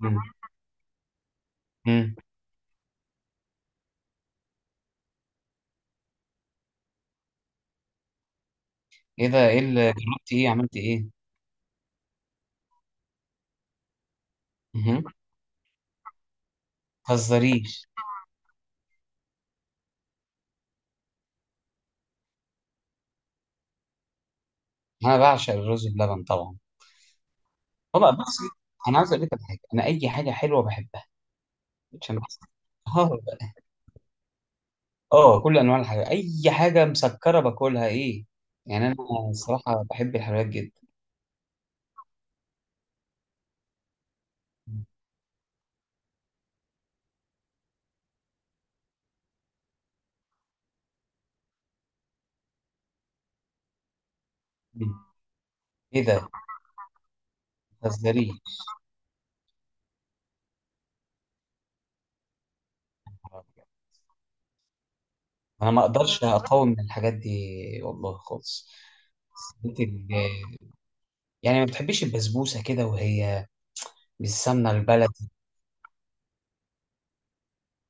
مم. مم. ايه ده؟ ايه اللي جربتي؟ ايه عملتي؟ ايه؟ مهم. متهزريش. انا بعشق الرز بلبن طبعا. والله بص، انا عايز اقول لك على حاجه، انا اي حاجه حلوه بحبها عشان بس. اه بقى. كل انواع الحاجات، اي حاجه مسكره باكلها، ايه؟ يعني انا، الصراحه، بحب الحلويات جدا. مم. ايه ده؟ متهزريش. انا ما اقدرش اقاوم من الحاجات دي والله خالص. بس يعني، ما بتحبيش البسبوسه كده وهي بالسمنه البلدي؟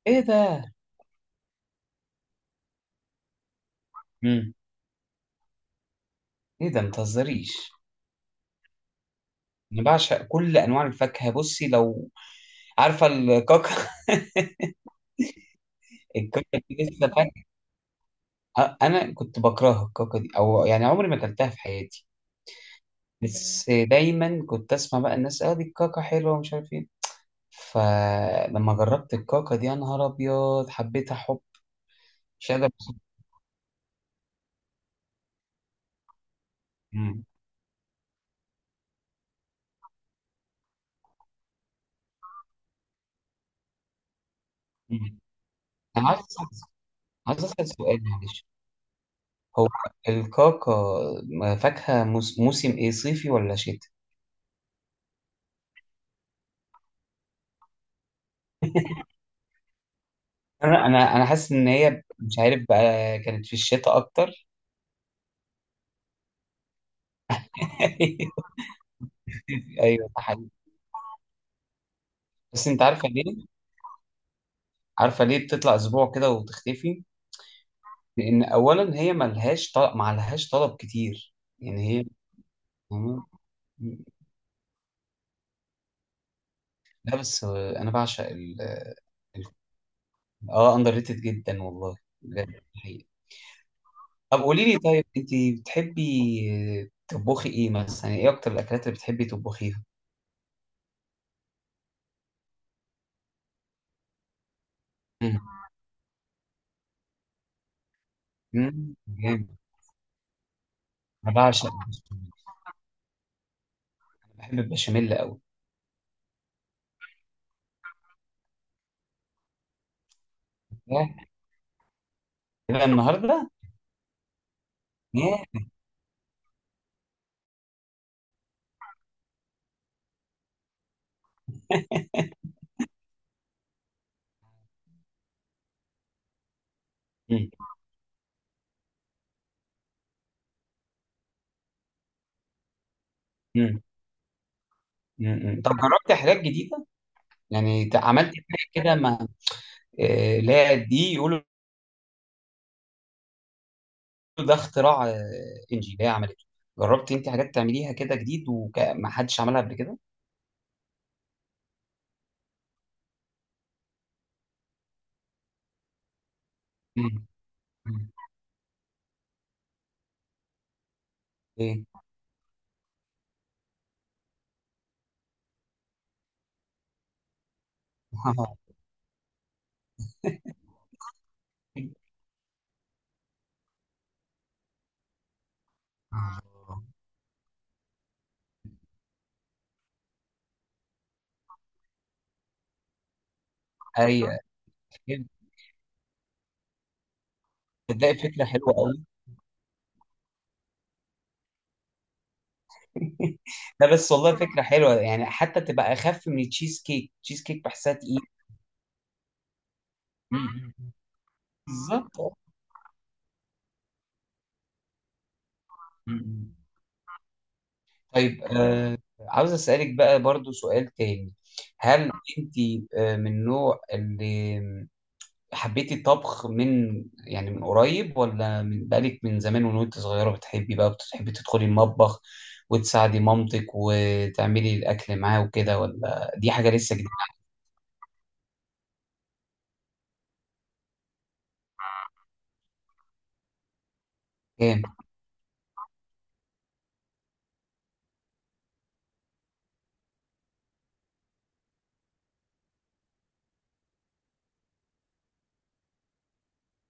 ايه ده؟ مم. ايه ده؟ متهزريش. انا بعشق كل انواع الفاكهه، بصي لو عارفه الكاكا. الكاكا دي لسه فاكهه؟ انا كنت بكرهها الكاكا دي، او يعني عمري ما اكلتها في حياتي. بس دايما كنت اسمع بقى الناس، دي الكاكا حلوه ومش عارف ايه. فلما جربت الكاكا دي يا نهار ابيض، حبيتها حب مش قادر أوصف. مم. مم. انا عايز أسأل- عايز اسال سؤال معلش. هو الكاكا فاكهه موسم ايه، صيفي ولا شتاء؟ انا انا أنا حاسس ان هي، مش عارف بقى، كانت في الشتاء اكتر. ايوه ده حقيقي. بس انت عارفه ليه؟ عارفه ليه بتطلع اسبوع كده وتختفي؟ لان اولا هي ملهاش طلب، معلهاش طلب كتير يعني هي. لا بس انا بعشق ال- اه، اندر ريتد جدا والله. بجد ده حقيقي. طب قولي لي، طيب انت بتحبي تطبخي ايه مثلا؟ يعني ايه اكتر الاكلات اللي بتحبي تطبخيها؟ مم. مم. جامد. انا بعشق البشاميل. بحب البشاميل قوي. ياه، إيه ده النهارده؟ ياه. مم. مم. مم. مم. طب جربت حاجات جديده، يعني عملت حاجه كده، ما اللي هي دي يقولوا ده اختراع، انجي اللي هي عملته؟ جربت انت حاجات تعمليها كده جديد وما حدش عملها قبل كده؟ مم. مم. ايه. ايوه، تلاقي فكره حلوه قوي. لا بس والله فكره حلوه، يعني حتى تبقى اخف من التشيز كيك، تشيز كيك بحسها تقيل. مم. بالظبط. طيب عاوز أسألك بقى برضو سؤال تاني. هل انت من النوع اللي حبيتي الطبخ من، يعني من قريب، ولا من بقالك من زمان، وانت صغيرة، بتحبي بقى بتحبي تدخلي المطبخ وتساعدي مامتك وتعملي الأكل معاه وكده، ولا دي حاجة لسه جديدة عليك؟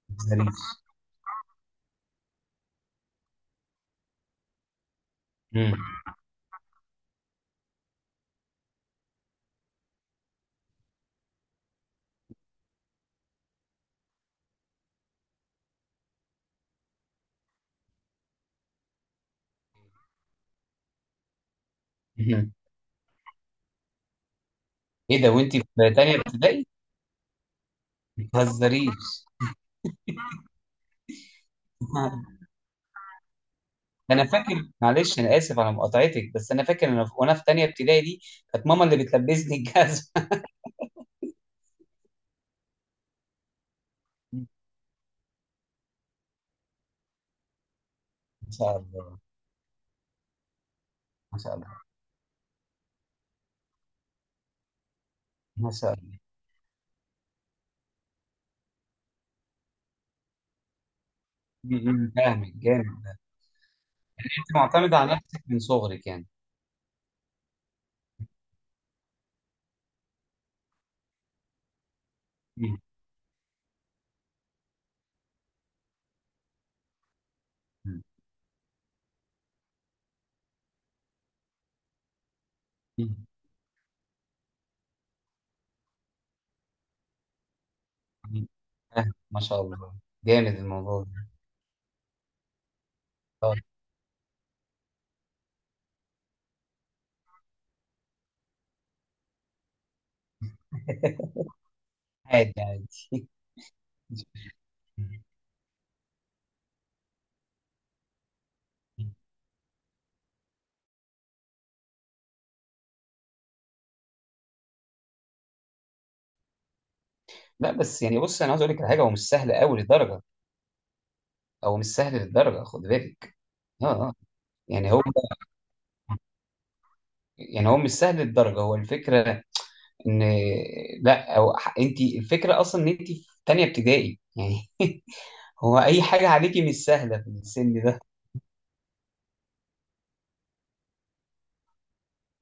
ما تهزريش. مم. مم. ايه ده، وانت في تانية ابتدائي؟ ما تهزريش. انا فاكر، معلش انا اسف على مقاطعتك، بس انا فاكر انا وانا في تانية ابتدائي دي كانت ماما اللي بتلبسني الجزمه. ما شاء الله. ما شاء الله. ما شاء الله. م- م، فاهمك جامد. انت معتمده على نفسك من صغرك يعني. م- م- م- م. فاهم. ما شاء الله. جامد الموضوع ده. آه. عادي عادي. لا بس يعني بص، انا عاوز اقول لك على حاجه، هو مش سهل قوي للدرجه. هو مش سهل للدرجه، خد بالك. اه اه. يعني هو، يعني هو مش سهل للدرجه، هو الفكره ان، لا او انت، الفكره اصلا ان انت في تانية ابتدائي يعني. هو اي حاجه عليكي مش سهله في السن ده.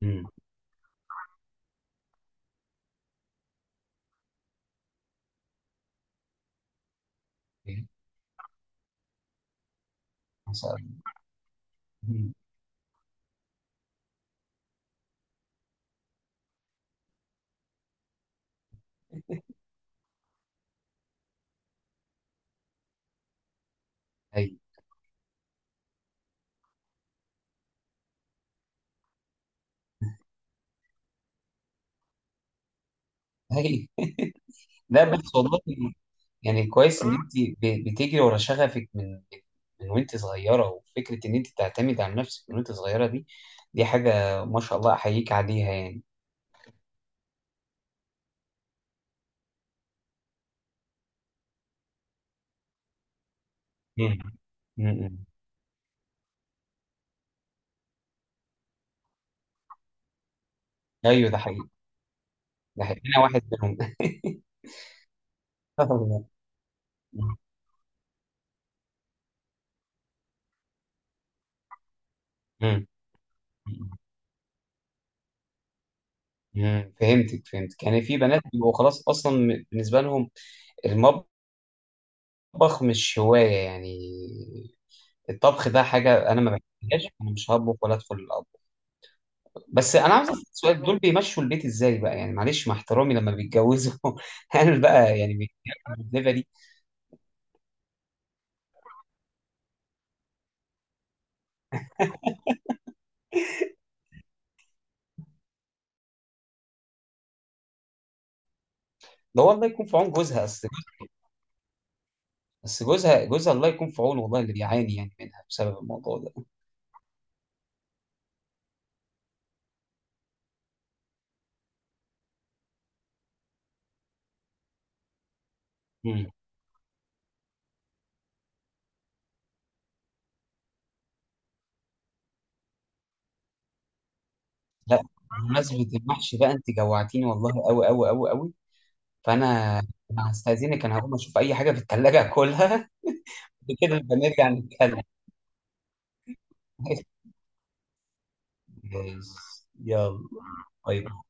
امم ما شاء الله. مم. ايوه ايوه. لا بس والله، يعني كويس ان انت بتجري ورا شغفك من وانت صغيره، وفكره ان انت تعتمد على نفسك من وانت صغيره دي، دي حاجه ما شاء الله احييك عليها يعني. مم. مم. ايوه ده حقيقي. ده حقيقي، انا واحد منهم. الله. مم. مم، فهمتك فهمتك، يعني في بنات بيبقوا خلاص، اصلا بالنسبه لهم المطبخ مش هوايه يعني. الطبخ ده حاجه انا ما بحبهاش، انا مش هطبخ ولا ادخل الاطبخ. بس انا عاوز اسال سؤال، دول بيمشوا البيت ازاي بقى؟ يعني معلش مع احترامي، لما بيتجوزوا، هل بقى يعني بيتجوزوا الليفه دي؟ ده هو الله يكون في عون جوزها، اصل، بس جوزها، جوزها الله يكون في عونه والله، اللي بيعاني يعني منها بسبب الموضوع ده. مم. لا. بمناسبه المحشي بقى انت جوعتيني والله، قوي قوي قوي قوي، فانا، أنا هستأذنك، انا هقوم اشوف اي حاجه في الثلاجه اكلها. كده بنرجع نتكلم. يلا. باي باي.